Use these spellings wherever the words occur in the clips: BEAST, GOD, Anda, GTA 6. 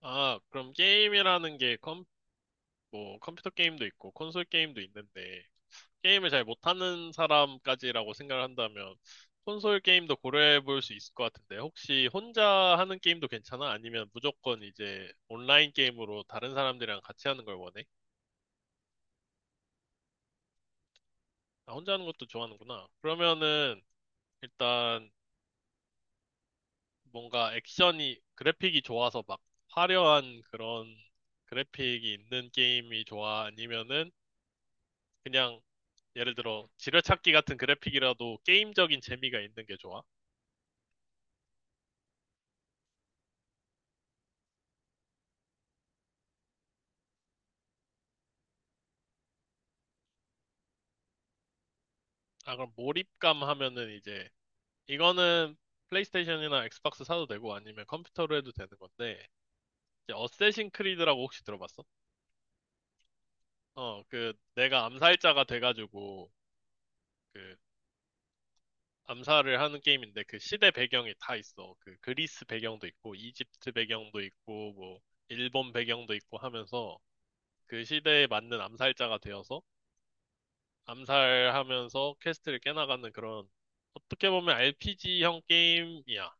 아, 그럼 게임이라는 게 뭐, 컴퓨터 게임도 있고 콘솔 게임도 있는데 게임을 잘 못하는 사람까지라고 생각을 한다면 콘솔 게임도 고려해 볼 수 있을 것 같은데 혹시 혼자 하는 게임도 괜찮아? 아니면 무조건 이제 온라인 게임으로 다른 사람들이랑 같이 하는 걸 원해? 아, 혼자 하는 것도 좋아하는구나. 그러면은 일단 뭔가 액션이 그래픽이 좋아서 막 화려한 그런 그래픽이 있는 게임이 좋아? 아니면은 그냥 예를 들어 지뢰찾기 같은 그래픽이라도 게임적인 재미가 있는 게 좋아? 아, 그럼 몰입감 하면은 이제 이거는 플레이스테이션이나 엑스박스 사도 되고 아니면 컴퓨터로 해도 되는 건데 이제 어쌔신 크리드라고 혹시 들어봤어? 어, 그 내가 암살자가 돼가지고 그 암살을 하는 게임인데 그 시대 배경이 다 있어. 그 그리스 배경도 있고 이집트 배경도 있고 뭐 일본 배경도 있고 하면서 그 시대에 맞는 암살자가 되어서 암살하면서 퀘스트를 깨나가는 그런 어떻게 보면 RPG형 게임이야.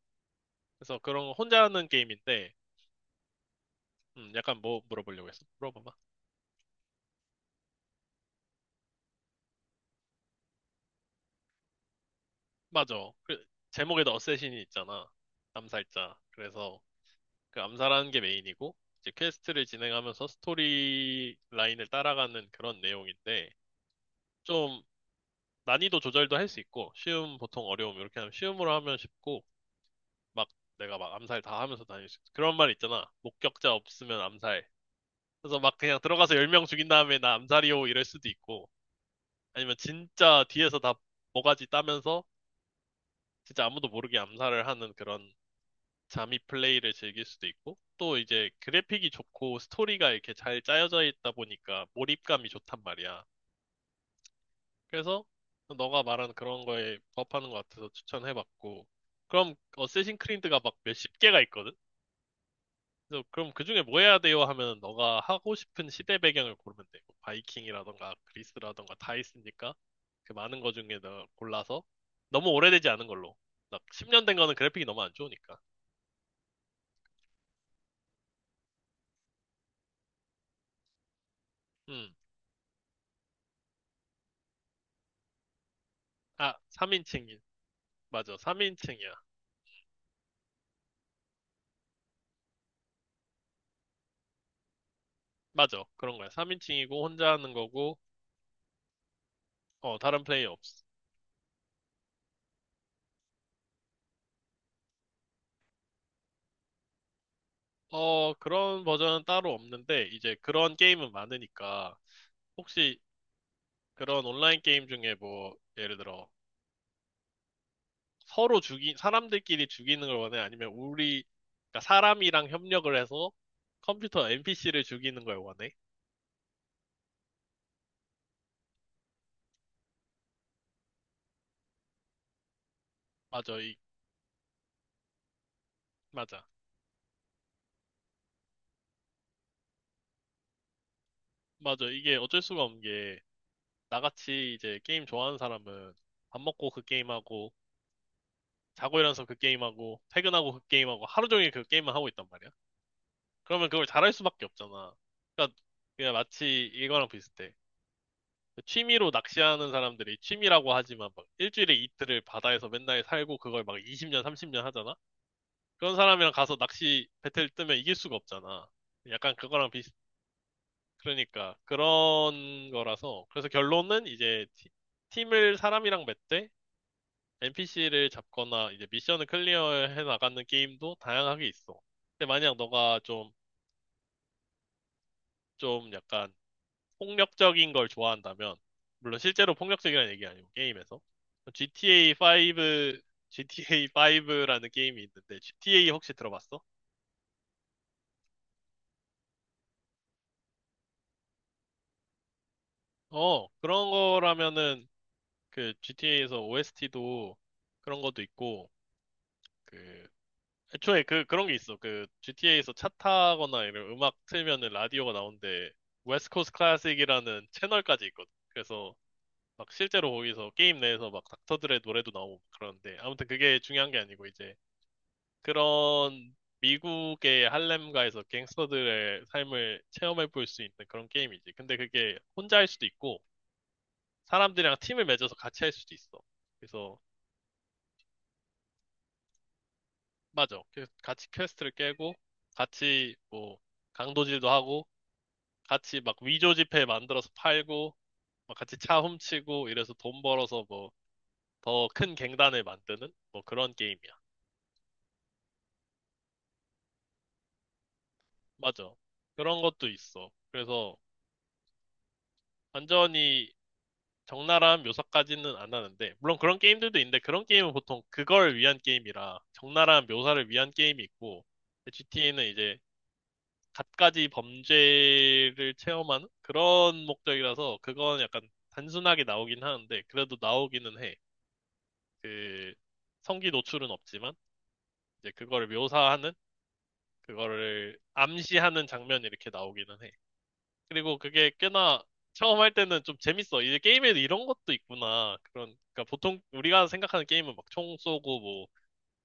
그래서 그런 거 혼자 하는 게임인데 약간 뭐 물어보려고 했어. 물어봐봐. 맞아. 그 제목에도 어쌔신이 있잖아. 암살자. 그래서 그 암살하는 게 메인이고 이제 퀘스트를 진행하면서 스토리 라인을 따라가는 그런 내용인데 좀 난이도 조절도 할 수 있고 쉬움 보통 어려움 이렇게 하면 쉬움으로 하면 쉽고 막 내가 막 암살 다 하면서 다닐 수 있어. 그런 말 있잖아. 목격자 없으면 암살. 그래서 막 그냥 들어가서 10명 죽인 다음에 나 암살이요 이럴 수도 있고 아니면 진짜 뒤에서 다 모가지 따면서 진짜 아무도 모르게 암살을 하는 그런 잠입 플레이를 즐길 수도 있고 또 이제 그래픽이 좋고 스토리가 이렇게 잘 짜여져 있다 보니까 몰입감이 좋단 말이야. 그래서 너가 말한 그런 거에 부합하는 것 같아서 추천해봤고 그럼 어쌔신 크리드가 막 몇십 개가 있거든? 그래서 그럼 그 중에 뭐 해야 돼요? 하면 너가 하고 싶은 시대 배경을 고르면 돼. 뭐 바이킹이라던가 그리스라던가 다 있으니까 그 많은 거 중에 너 골라서 너무 오래되지 않은 걸로. 막 10년 된 거는 그래픽이 너무 안 좋으니까. 음. 아, 3인칭. 맞아. 3인칭이야. 맞아. 그런 거야. 3인칭이고 혼자 하는 거고 어, 다른 플레이 없. 어, 그런 버전은 따로 없는데 이제 그런 게임은 많으니까 혹시 그런 온라인 게임 중에 뭐 예를 들어 서로 죽이, 사람들끼리 죽이는 걸 원해? 아니면 우리, 그러니까 사람이랑 협력을 해서 컴퓨터 NPC를 죽이는 걸 원해? 맞아, 이, 맞아. 맞아. 이게 어쩔 수가 없는 게, 나같이 이제 게임 좋아하는 사람은 밥 먹고 그 게임하고, 자고 일어나서 그 게임하고, 퇴근하고 그 게임하고, 하루 종일 그 게임만 하고 있단 말이야. 그러면 그걸 잘할 수밖에 없잖아. 그러니까 그냥 마치 이거랑 비슷해. 그 취미로 낚시하는 사람들이 취미라고 하지만 막 일주일에 이틀을 바다에서 맨날 살고 그걸 막 20년, 30년 하잖아? 그런 사람이랑 가서 낚시 배틀 뜨면 이길 수가 없잖아. 약간 그거랑 비슷, 그러니까 그런 거라서. 그래서 결론은 이제 팀을 사람이랑 맺되 NPC를 잡거나 이제 미션을 클리어해 나가는 게임도 다양하게 있어. 근데 만약 너가 좀 약간 폭력적인 걸 좋아한다면, 물론 실제로 폭력적이라는 얘기 아니고 게임에서. GTA 5, GTA 5라는 게임이 있는데 GTA 혹시 들어봤어? 어, 그런 거라면은 그 GTA에서 OST도 그런 것도 있고 그 애초에 그 그런 게 있어. 그 GTA에서 차 타거나 이런 음악 틀면은 라디오가 나오는데 웨스트 코스트 클래식이라는 채널까지 있거든. 그래서 막 실제로 거기서 게임 내에서 막 닥터들의 노래도 나오고 그러는데 아무튼 그게 중요한 게 아니고 이제 그런 미국의 할렘가에서 갱스터들의 삶을 체험해 볼 수 있는 그런 게임이지. 근데 그게 혼자 할 수도 있고 사람들이랑 팀을 맺어서 같이 할 수도 있어. 그래서 맞아. 같이 퀘스트를 깨고, 같이 뭐, 강도질도 하고, 같이 막 위조 지폐 만들어서 팔고, 막 같이 차 훔치고, 이래서 돈 벌어서 뭐, 더 큰 갱단을 만드는? 뭐 그런 게임이야. 맞아. 그런 것도 있어. 그래서 완전히 적나라한 묘사까지는 안 하는데, 물론 그런 게임들도 있는데, 그런 게임은 보통 그걸 위한 게임이라, 적나라한 묘사를 위한 게임이 있고, 그 GTA는 이제 갖가지 범죄를 체험하는 그런 목적이라서 그건 약간 단순하게 나오긴 하는데 그래도 나오기는 해. 그 성기 노출은 없지만 이제 그거를 묘사하는 그거를 암시하는 장면이 이렇게 나오기는 해. 그리고 그게 꽤나 처음 할 때는 좀 재밌어. 이제 게임에도 이런 것도 있구나. 그런 그러니까 보통 우리가 생각하는 게임은 막 총 쏘고 뭐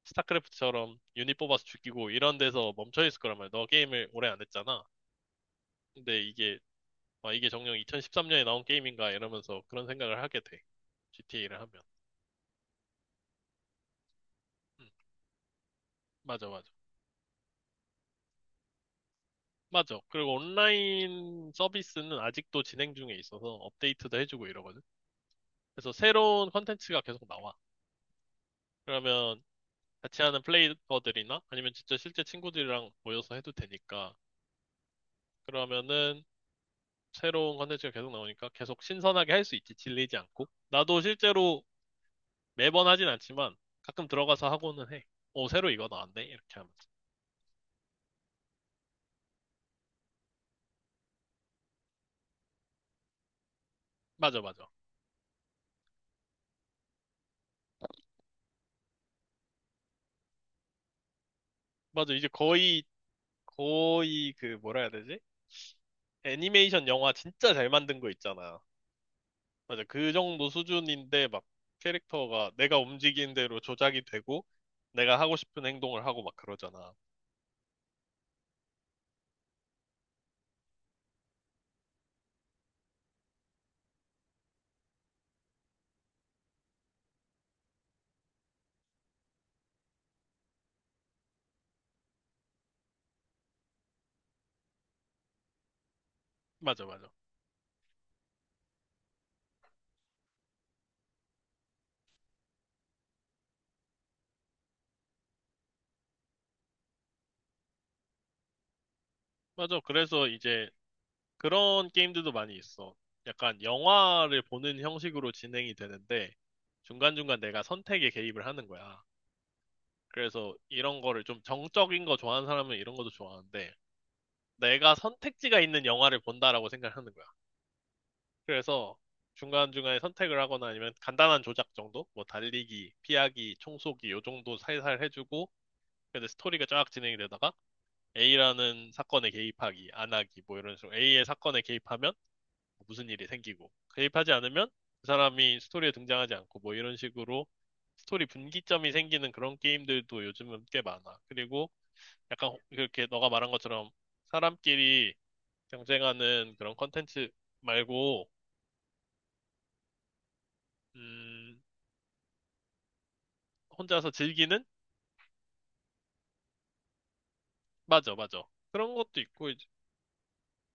스타크래프트처럼 유닛 뽑아서 죽이고 이런 데서 멈춰 있을 거란 말이야. 너 게임을 오래 안 했잖아. 근데 이게 아, 이게 정녕 2013년에 나온 게임인가 이러면서 그런 생각을 하게 돼. GTA를 하면. 음, 맞아. 맞아. 그리고 온라인 서비스는 아직도 진행 중에 있어서 업데이트도 해주고 이러거든. 그래서 새로운 컨텐츠가 계속 나와. 그러면 같이 하는 플레이어들이나 아니면 진짜 실제 친구들이랑 모여서 해도 되니까. 그러면은 새로운 컨텐츠가 계속 나오니까 계속 신선하게 할 수 있지. 질리지 않고. 나도 실제로 매번 하진 않지만 가끔 들어가서 하고는 해. 오, 새로 이거 나왔네? 이렇게 하면서. 맞아. 맞아. 거의 그, 뭐라 해야 되지? 애니메이션 영화 진짜 잘 만든 거 있잖아. 맞아. 그 정도 수준인데 막 캐릭터가 내가 움직이는 대로 조작이 되고 내가 하고 싶은 행동을 하고 막 그러잖아. 맞아. 맞아. 그래서 이제 그런 게임들도 많이 있어. 약간 영화를 보는 형식으로 진행이 되는데 중간중간 내가 선택에 개입을 하는 거야. 그래서 이런 거를 좀 정적인 거 좋아하는 사람은 이런 것도 좋아하는데 내가 선택지가 있는 영화를 본다라고 생각하는 거야. 그래서 중간중간에 선택을 하거나 아니면 간단한 조작 정도? 뭐 달리기, 피하기, 총쏘기 요 정도 살살 해주고 근데 스토리가 쫙 진행이 되다가 A라는 사건에 개입하기, 안 하기 뭐 이런 식으로 A의 사건에 개입하면 무슨 일이 생기고 개입하지 않으면 그 사람이 스토리에 등장하지 않고 뭐 이런 식으로 스토리 분기점이 생기는 그런 게임들도 요즘은 꽤 많아. 그리고 약간 그렇게 너가 말한 것처럼 사람끼리 경쟁하는 그런 컨텐츠 말고 음, 혼자서 즐기는? 맞아. 그런 것도 있고, 이제,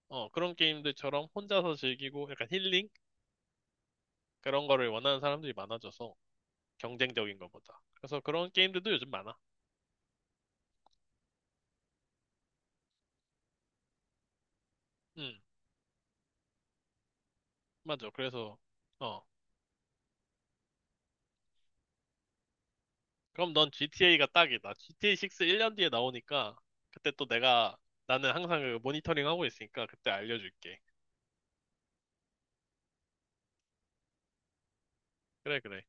어, 그런 게임들처럼 혼자서 즐기고 약간 힐링? 그런 거를 원하는 사람들이 많아져서 경쟁적인 것보다. 그래서 그런 게임들도 요즘 많아. 음, 맞아. 그래서, 어. 그럼 넌 GTA가 딱이다. GTA 6 1년 뒤에 나오니까 그때 또 내가, 나는 항상 그 모니터링 하고 있으니까 그때 알려줄게. 그래, 그래.